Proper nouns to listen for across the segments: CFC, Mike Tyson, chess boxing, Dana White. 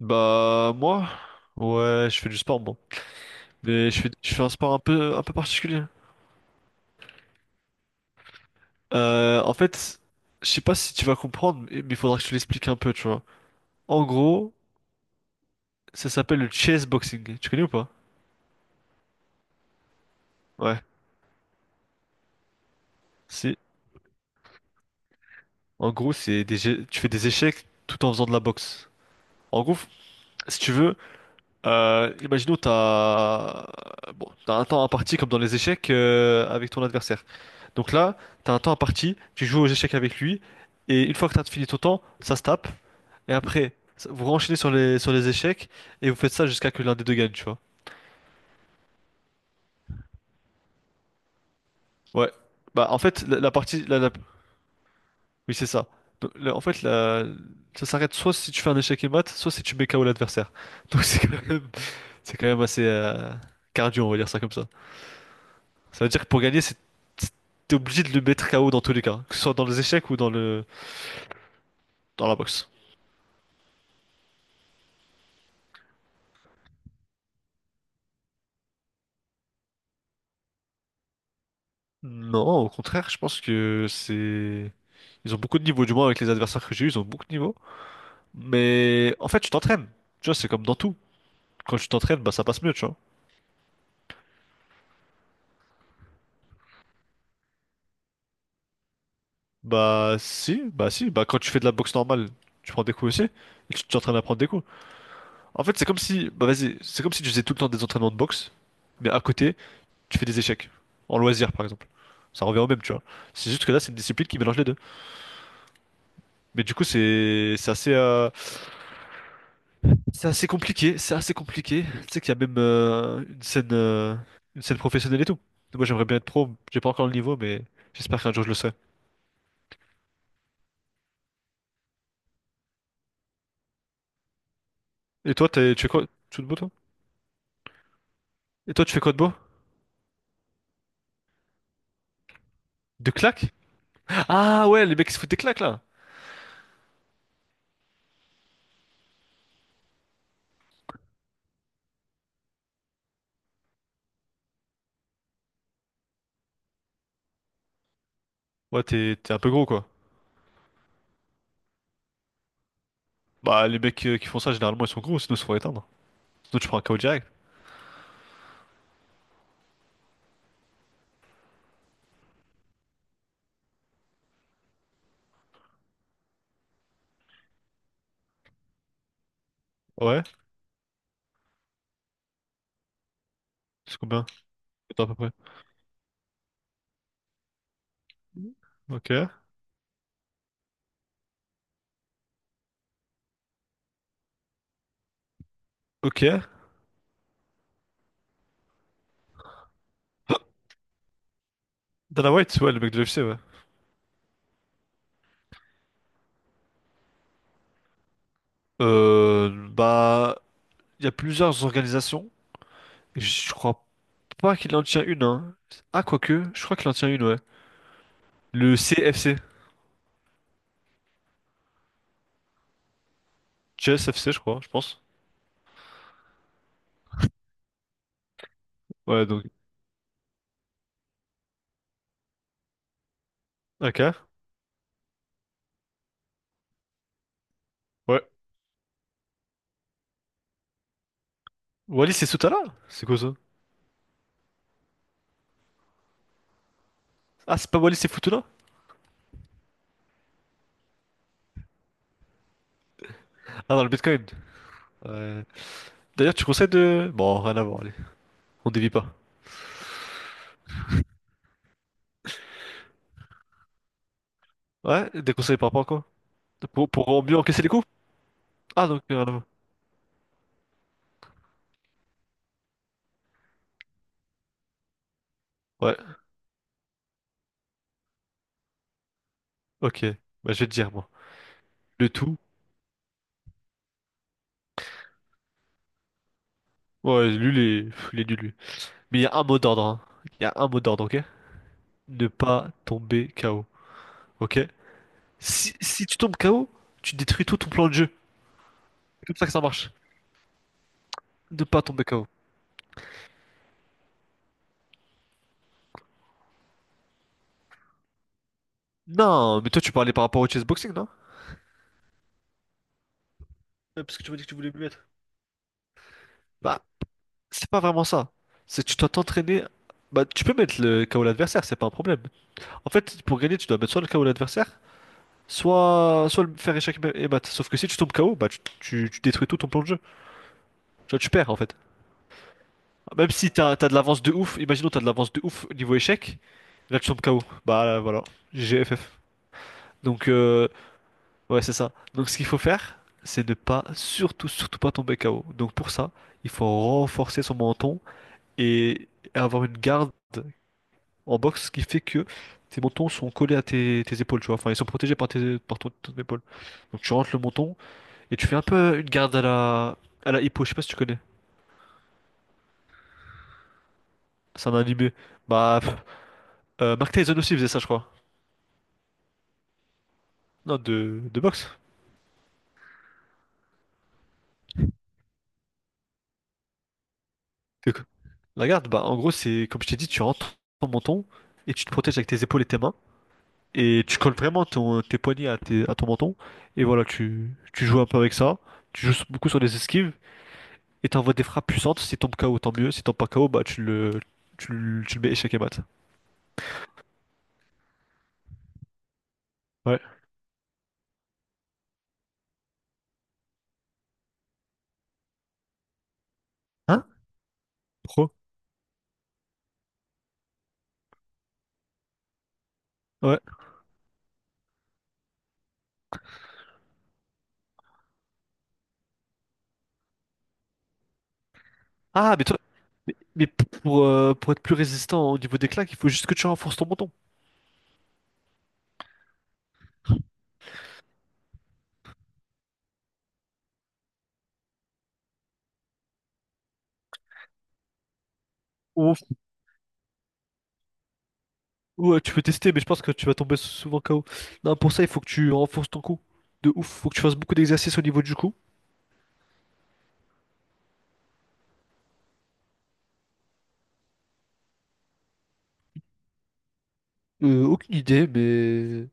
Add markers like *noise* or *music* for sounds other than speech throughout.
Bah moi, ouais, je fais du sport moi. Mais je fais un sport un peu particulier. En fait, je sais pas si tu vas comprendre, mais il faudra que je te l'explique un peu, tu vois. En gros, ça s'appelle le chess boxing. Tu connais ou pas? Ouais. C'est, En gros, c'est tu fais des échecs tout en faisant de la boxe. En gros, si tu veux. Imaginons, t'as un temps imparti comme dans les échecs, avec ton adversaire. Donc là, t'as un temps imparti, tu joues aux échecs avec lui, et une fois que t'as fini ton temps, ça se tape, et après, vous renchaînez sur les échecs, et vous faites ça jusqu'à que l'un des deux gagne, tu vois. Ouais. Bah en fait, la partie, oui c'est ça. Donc, en fait, ça s'arrête soit si tu fais un échec et mat, soit si tu mets KO l'adversaire. Donc c'est quand même assez, cardio, on va dire ça comme ça. Ça veut dire que pour gagner, c'est t'es obligé de le mettre KO dans tous les cas, que ce soit dans les échecs ou dans le dans la boxe. Non, au contraire, je pense que c'est ils ont beaucoup de niveaux, du moins avec les adversaires que j'ai eu, ils ont beaucoup de niveaux. Mais en fait, tu t'entraînes. Tu vois, c'est comme dans tout. Quand tu t'entraînes, bah ça passe mieux, tu vois. Bah si, bah si, bah quand tu fais de la boxe normale, tu prends des coups aussi, et tu t'entraînes à prendre des coups. En fait, c'est comme si, bah vas-y, c'est comme si tu faisais tout le temps des entraînements de boxe, mais à côté, tu fais des échecs, en loisir par exemple. Ça revient au même, tu vois. C'est juste que là, c'est une discipline qui mélange les deux. Mais du coup, c'est assez, c'est assez compliqué, c'est assez compliqué. Tu sais qu'il y a même, une scène professionnelle et tout. Moi, j'aimerais bien être pro. J'ai pas encore le niveau, mais j'espère qu'un jour je le serai. Et toi, tu fais quoi? Tu fais de beau, toi? Et toi, tu fais quoi de beau? De claques? Ah ouais, les mecs qui se foutent des claques là. Ouais, t'es un peu gros quoi. Bah, les mecs, qui font ça, généralement, ils sont gros, sinon ils se font éteindre. Sinon, tu prends un KO direct. Ouais, c'est combien? C'est à peu près. Ok, ok. Dana White, ouais, le mec de l'UFC, ouais. Bah, il y a plusieurs organisations. Je crois pas qu'il en tient une, hein. Ah, quoique, je crois qu'il en tient une, ouais. Le CFC. CFC, je crois, je pense. Ouais, donc. Ok. Ouais. Wallis et Soutala? C'est quoi ça? Ah, c'est pas Wallis et Futuna? Ah, dans le Bitcoin. Ouais. D'ailleurs, tu conseilles de. Bon, rien à voir, allez. On dévie pas. Ouais, des conseils par rapport à quoi? Pour mieux encaisser les coups? Ah, donc, rien à voir. Ouais, ok. Bah, je vais te dire, moi. Le tout. Ouais, lui, pff, il est nul, lui. Mais il y a un mot d'ordre, hein. Il y a un mot d'ordre, ok? Ne pas tomber KO, ok? Si tu tombes KO, tu détruis tout ton plan de jeu. C'est comme ça que ça marche. Ne pas tomber KO. Non, mais toi tu parlais par rapport au chessboxing, non? Parce que tu m'as dit que tu voulais me mettre. Bah, c'est pas vraiment ça. C'est que tu dois t'entraîner. Bah, tu peux mettre le KO l'adversaire, c'est pas un problème. En fait, pour gagner, tu dois mettre soit le KO l'adversaire, soit le faire échec et mat. Sauf que si tu tombes KO, bah, tu détruis tout ton plan de jeu. Tu vois, tu perds en fait. Ah, même si t'as de l'avance de ouf, imaginons t'as de l'avance de ouf au niveau échec, là tu tombes KO. Bah voilà, GGFF. Donc, ouais c'est ça. Donc ce qu'il faut faire, c'est ne pas surtout surtout pas tomber KO. Donc pour ça, il faut renforcer son menton et avoir une garde en boxe qui fait que tes mentons sont collés à tes épaules, tu vois. Enfin ils sont protégés par tes par ton épaule. Donc tu rentres le menton et tu fais un peu une garde à la hippo, je sais pas si tu connais. C'est un animé. Bah, Mark Tyson aussi faisait ça, je crois. Non, de, boxe. C'est La garde, bah, en gros, c'est comme je t'ai dit, tu rentres ton menton et tu te protèges avec tes épaules et tes mains. Et tu colles vraiment tes poignets à ton menton. Et voilà, tu joues un peu avec ça. Tu joues beaucoup sur les esquives et t'envoies des frappes puissantes. Si tombe KO, tant mieux. Si tombe pas KO, bah, tu le mets échec et mat. Ouais. Hein? Pro. Ouais. Ah, mais toi, mais pour être plus résistant au niveau des claques, il faut juste que tu renforces ton menton. Au Ouais, tu peux tester, mais je pense que tu vas tomber souvent KO. Non, pour ça, il faut que tu renforces ton cou. De ouf, faut que tu fasses beaucoup d'exercices au niveau du cou. Aucune idée, mais...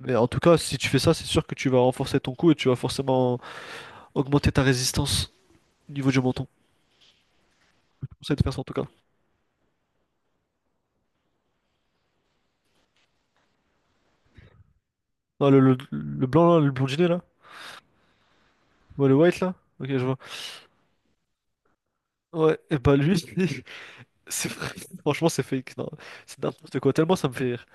en tout cas, si tu fais ça, c'est sûr que tu vas renforcer ton cou et tu vas forcément augmenter ta résistance au niveau du menton. Je te conseille de faire ça en tout cas. Non, le blanc là, le blondinet là? Ouais, le white là? Ok, je vois. Ouais, et bah lui, *laughs* c'est franchement, c'est fake. Non, c'est n'importe quoi. Tellement ça me fait rire.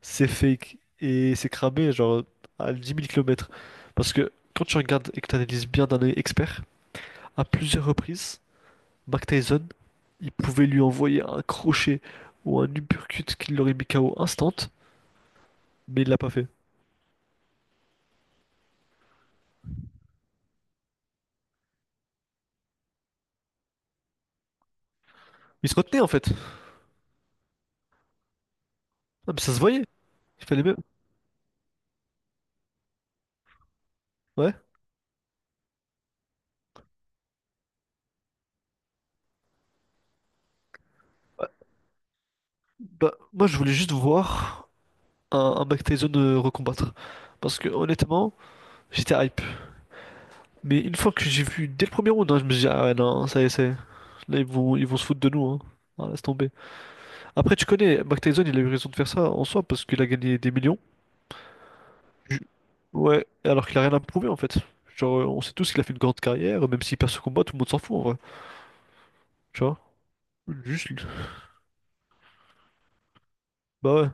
C'est fake et c'est cramé genre à 10 000 kilomètres. Parce que quand tu regardes et que tu analyses bien d'un œil expert, à plusieurs reprises, Mike Tyson, il pouvait lui envoyer un crochet ou un uppercut qui l'aurait mis KO instant, mais il l'a pas fait. Il se retenait en fait. Ah, mais ça se voyait. Il fallait même. Ouais. Ouais. Bah, moi je voulais juste voir un Mike Tyson, recombattre. Parce que honnêtement, j'étais hype. Mais une fois que j'ai vu dès le premier round, hein, je me suis dit, ah ouais, non, ça y est. Là, ils vont se foutre de nous, hein. Ah, laisse tomber. Après, tu connais, Mike Tyson, il a eu raison de faire ça en soi parce qu'il a gagné des millions. Ju- Ouais, alors qu'il a rien à prouver en fait. Genre, on sait tous qu'il a fait une grande carrière, même s'il perd ce combat, tout le monde s'en fout en vrai. Tu vois? Juste. Bah ouais.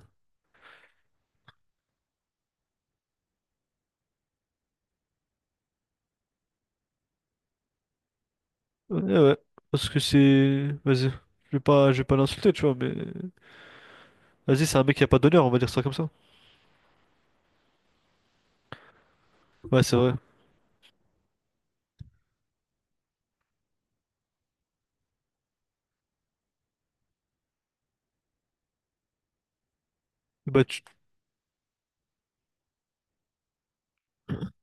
Ouais, ouais. Parce que c'est. Vas-y. Je vais pas l'insulter, tu vois, mais. Vas-y, c'est un mec qui a pas d'honneur, on va dire ça comme ça. Ouais, c'est vrai. Bah, tu-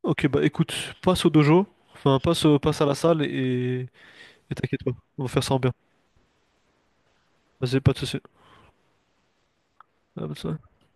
Ok, bah écoute, passe au dojo. Enfin, passe à la salle et. Et t'inquiète pas. On va faire ça en bien. Vas-y, pas de soucis. Ah, bah, ça-